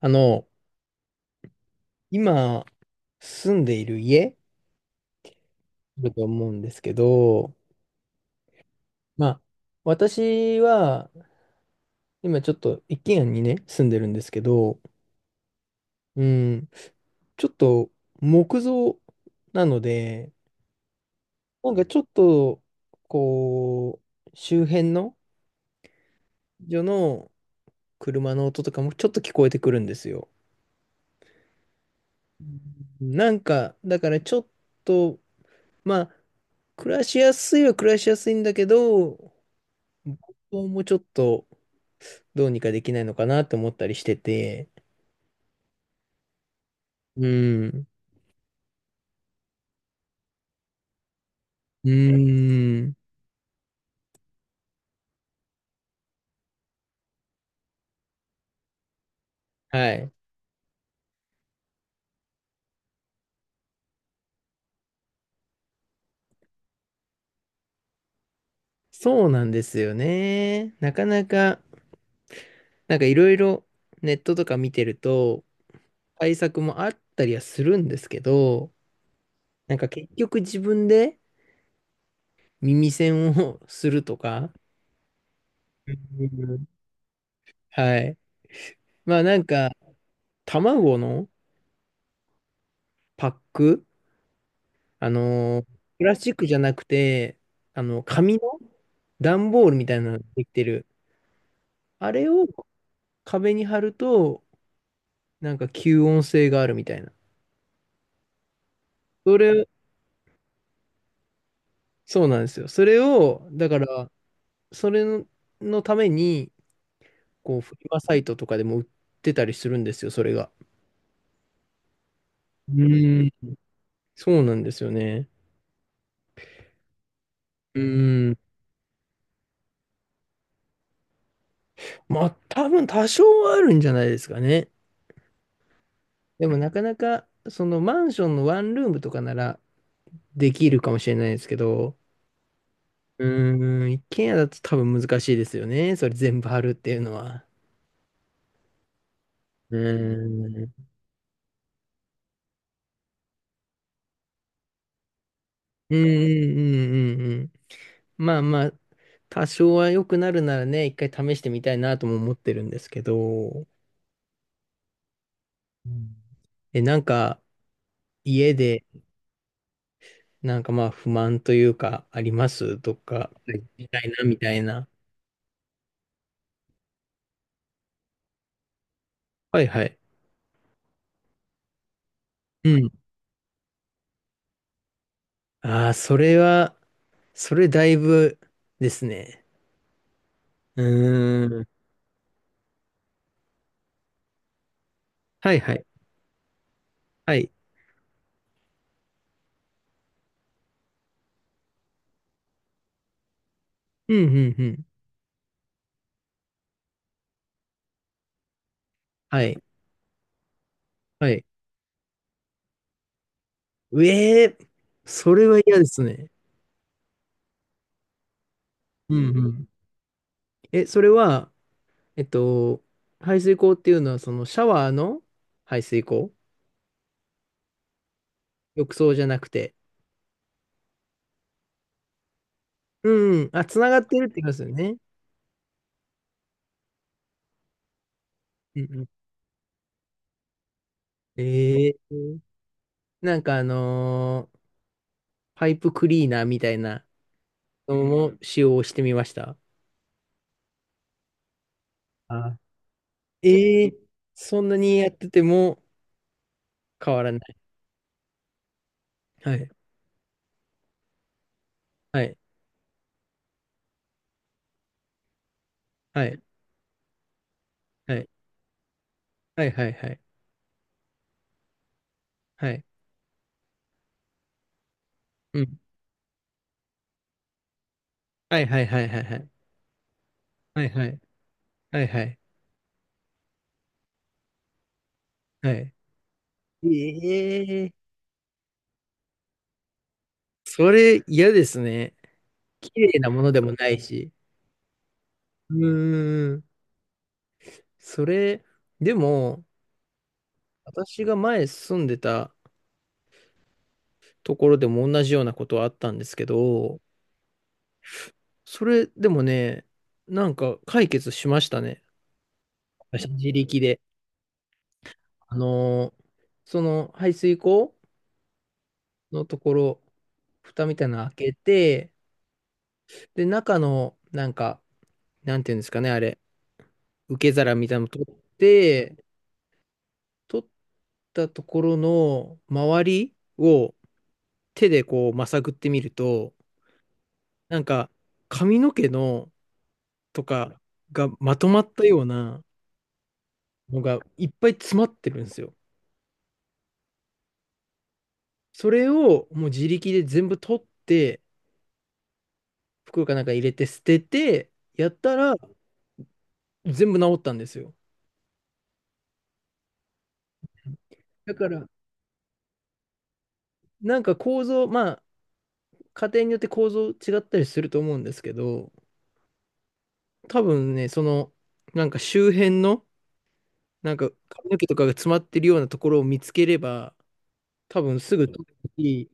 あの、今住んでいる家だと思うんですけど、まあ、私は今ちょっと一軒家にね、住んでるんですけど、うん、ちょっと木造なので、なんかちょっと、こう、周辺の、女の車の音とかもちょっと聞こえてくるんですよ。なんか、だからちょっと、まあ、暮らしやすいは暮らしやすいんだけど、僕もちょっと、どうにかできないのかなって思ったりしてて。うん。うーん。はい。そうなんですよね。なかなか、なんかいろいろネットとか見てると、対策もあったりはするんですけど、なんか結局自分で耳栓を するとか、うん。はい。まあなんか、卵のパック、あのープラスチックじゃなくて、あの、紙の段ボールみたいなのでできてるあれを壁に貼ると、なんか吸音性があるみたいな。それ、そうなんですよ。それを、だから、それのために、こう、フリマサイトとかでも売ってたりするんですよ、それが。うーん。そうなんですよね。うーん。まあ、多分多少はあるんじゃないですかね。でも、なかなか、そのマンションのワンルームとかならできるかもしれないですけど、うーん、一軒家だと多分難しいですよね。それ全部貼るっていうのは。うーん。うんうんうんうんうん。まあまあ、多少は良くなるならね、一回試してみたいなとも思ってるんですけど、うん。え、なんか家で、なんかまあ不満というかありますとか、みたいな。はいはい。うん。ああ、それは、それだいぶですね。うーん。はいはい。はい。うんうんうん。はい。はい。うえー、それは嫌ですね。うんうん。え、それは、えっと、排水口っていうのは、そのシャワーの排水口、浴槽じゃなくて。うんうん。あ、つながってるって言いますよね。うんうん。ええ。なんかパイプクリーナーみたいなのも使用してみました。あ、ええ。そんなにやってても変わらない。はい。はい。はい。はい。はい。はい。はい。はい。うん。はい。はい。はい。はい。はい。はい。はい。はい。はい。ええ。それ嫌ですね。綺麗なものでもないし。うーん。それ、でも、私が前住んでたところでも同じようなことはあったんですけど、それでもね、なんか解決しましたね。私自力で。あのーその排水溝のところ、蓋みたいなの開けて、で、中の、なんか、なんていうんですかね、あれ、受け皿みたいなの取って、取ったところの周りを手でこうまさぐってみると、なんか髪の毛のとかがまとまったようなのがいっぱい詰まってるんですよ。それをもう自力で全部取って、袋かなんか入れて捨てて、やったら全部治ったんですよ。だから、なんか構造、まあ、家庭によって構造違ったりすると思うんですけど、多分ね、その、なんか周辺のなんか髪の毛とかが詰まってるようなところを見つければ、多分すぐ取るし、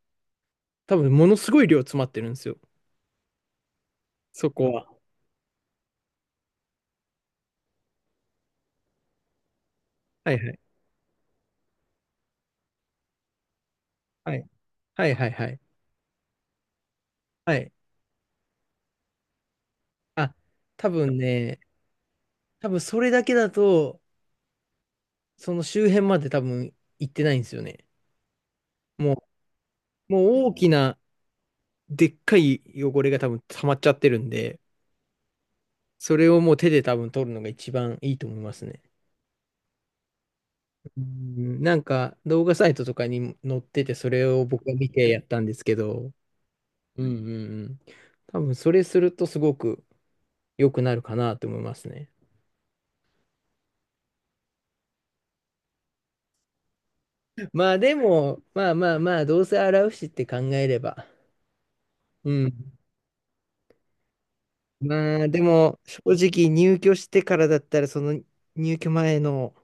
多分ものすごい量詰まってるんですよ、そこは。はいはい。はい。はいはいはい。はい。あ、多分ね、多分それだけだと、その周辺まで多分行ってないんですよね。ももう大きな、でっかい汚れが多分溜まっちゃってるんで、それをもう手で多分取るのが一番いいと思いますね。うん、なんか動画サイトとかに載ってて、それを僕は見てやったんですけど、うんうんうん。多分それするとすごく良くなるかなと思いますね。まあでも、まあまあまあ、どうせ洗うしって考えれば。うん。まあでも、正直入居してからだったら、その入居前の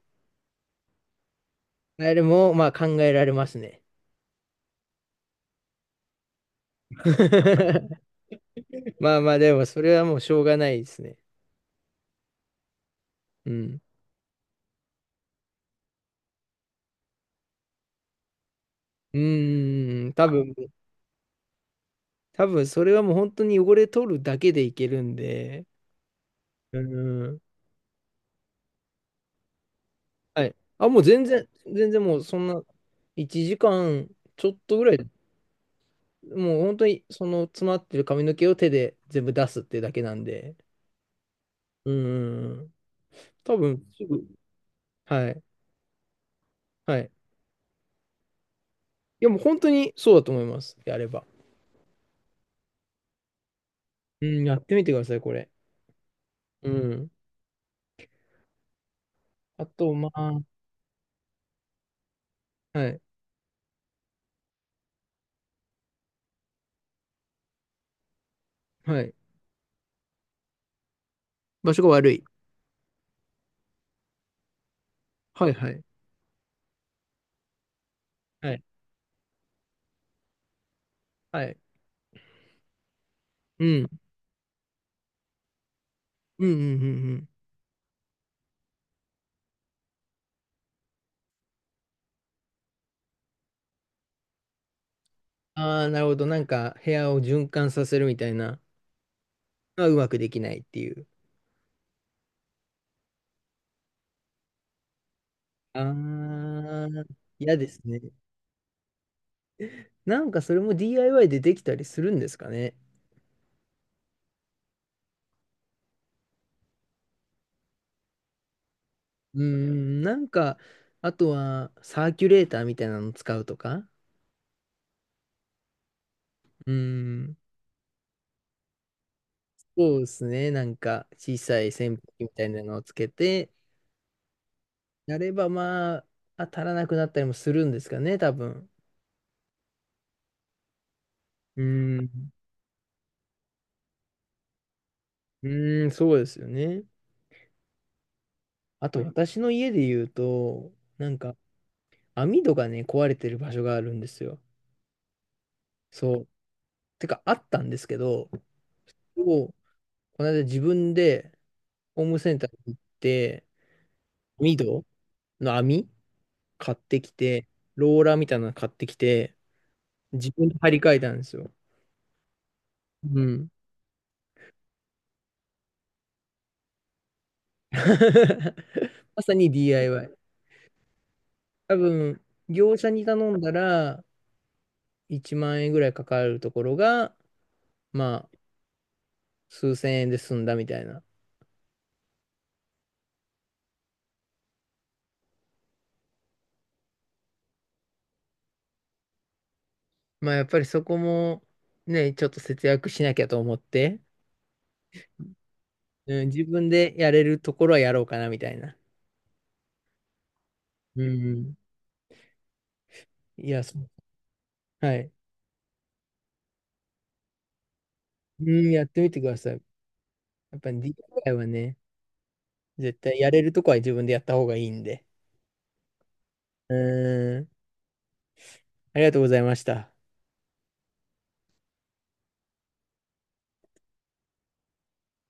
あれもまあ考えられますね。まあまあでも、それはもうしょうがないですね。うん。うーん、多分それはもう本当に汚れ取るだけでいけるんで。うん。はい。あ、もう全然もうそんな、1時間ちょっとぐらい、もう本当にその詰まってる髪の毛を手で全部出すっていうだけなんで、うん、多分すぐ、はい、はい。いや、もう本当にそうだと思います、やれば。うん、やってみてください、これ。うん。あと、まあ、はい、はい。場所が悪い。はい、はい、はい、はい。うん、うん、うん、うん。うん。ああー、なるほど。なんか、部屋を循環させるみたいな、がうまくできないっていう。ああ、嫌ですね。なんかそれも DIY でできたりするんですかね。うーん、なんか、あとはサーキュレーターみたいなの使うとか。うーん、そうですね。なんか小さい扇風機みたいなのをつけて、やればまあ、当たらなくなったりもするんですかね、多分。うーん、うーん、そうですよね。あと私の家で言うと、なんか網戸がね、壊れてる場所があるんですよ。そう。てか、あったんですけど、を、この間自分でホームセンターに行って、網戸の網買ってきて、ローラーみたいなの買ってきて、自分で張り替えたんですよ。うん。まさに DIY。多分、業者に頼んだら1万円ぐらいかかるところが、まあ、数千円で済んだみたいな。まあ、やっぱりそこもね、ちょっと節約しなきゃと思って、うん、自分でやれるところはやろうかなみたいな。うん。いや、そう。はい。うん、やってみてください。やっぱ DIY はね、絶対やれるとこは自分でやった方がいいんで。うん。ありがとうございました。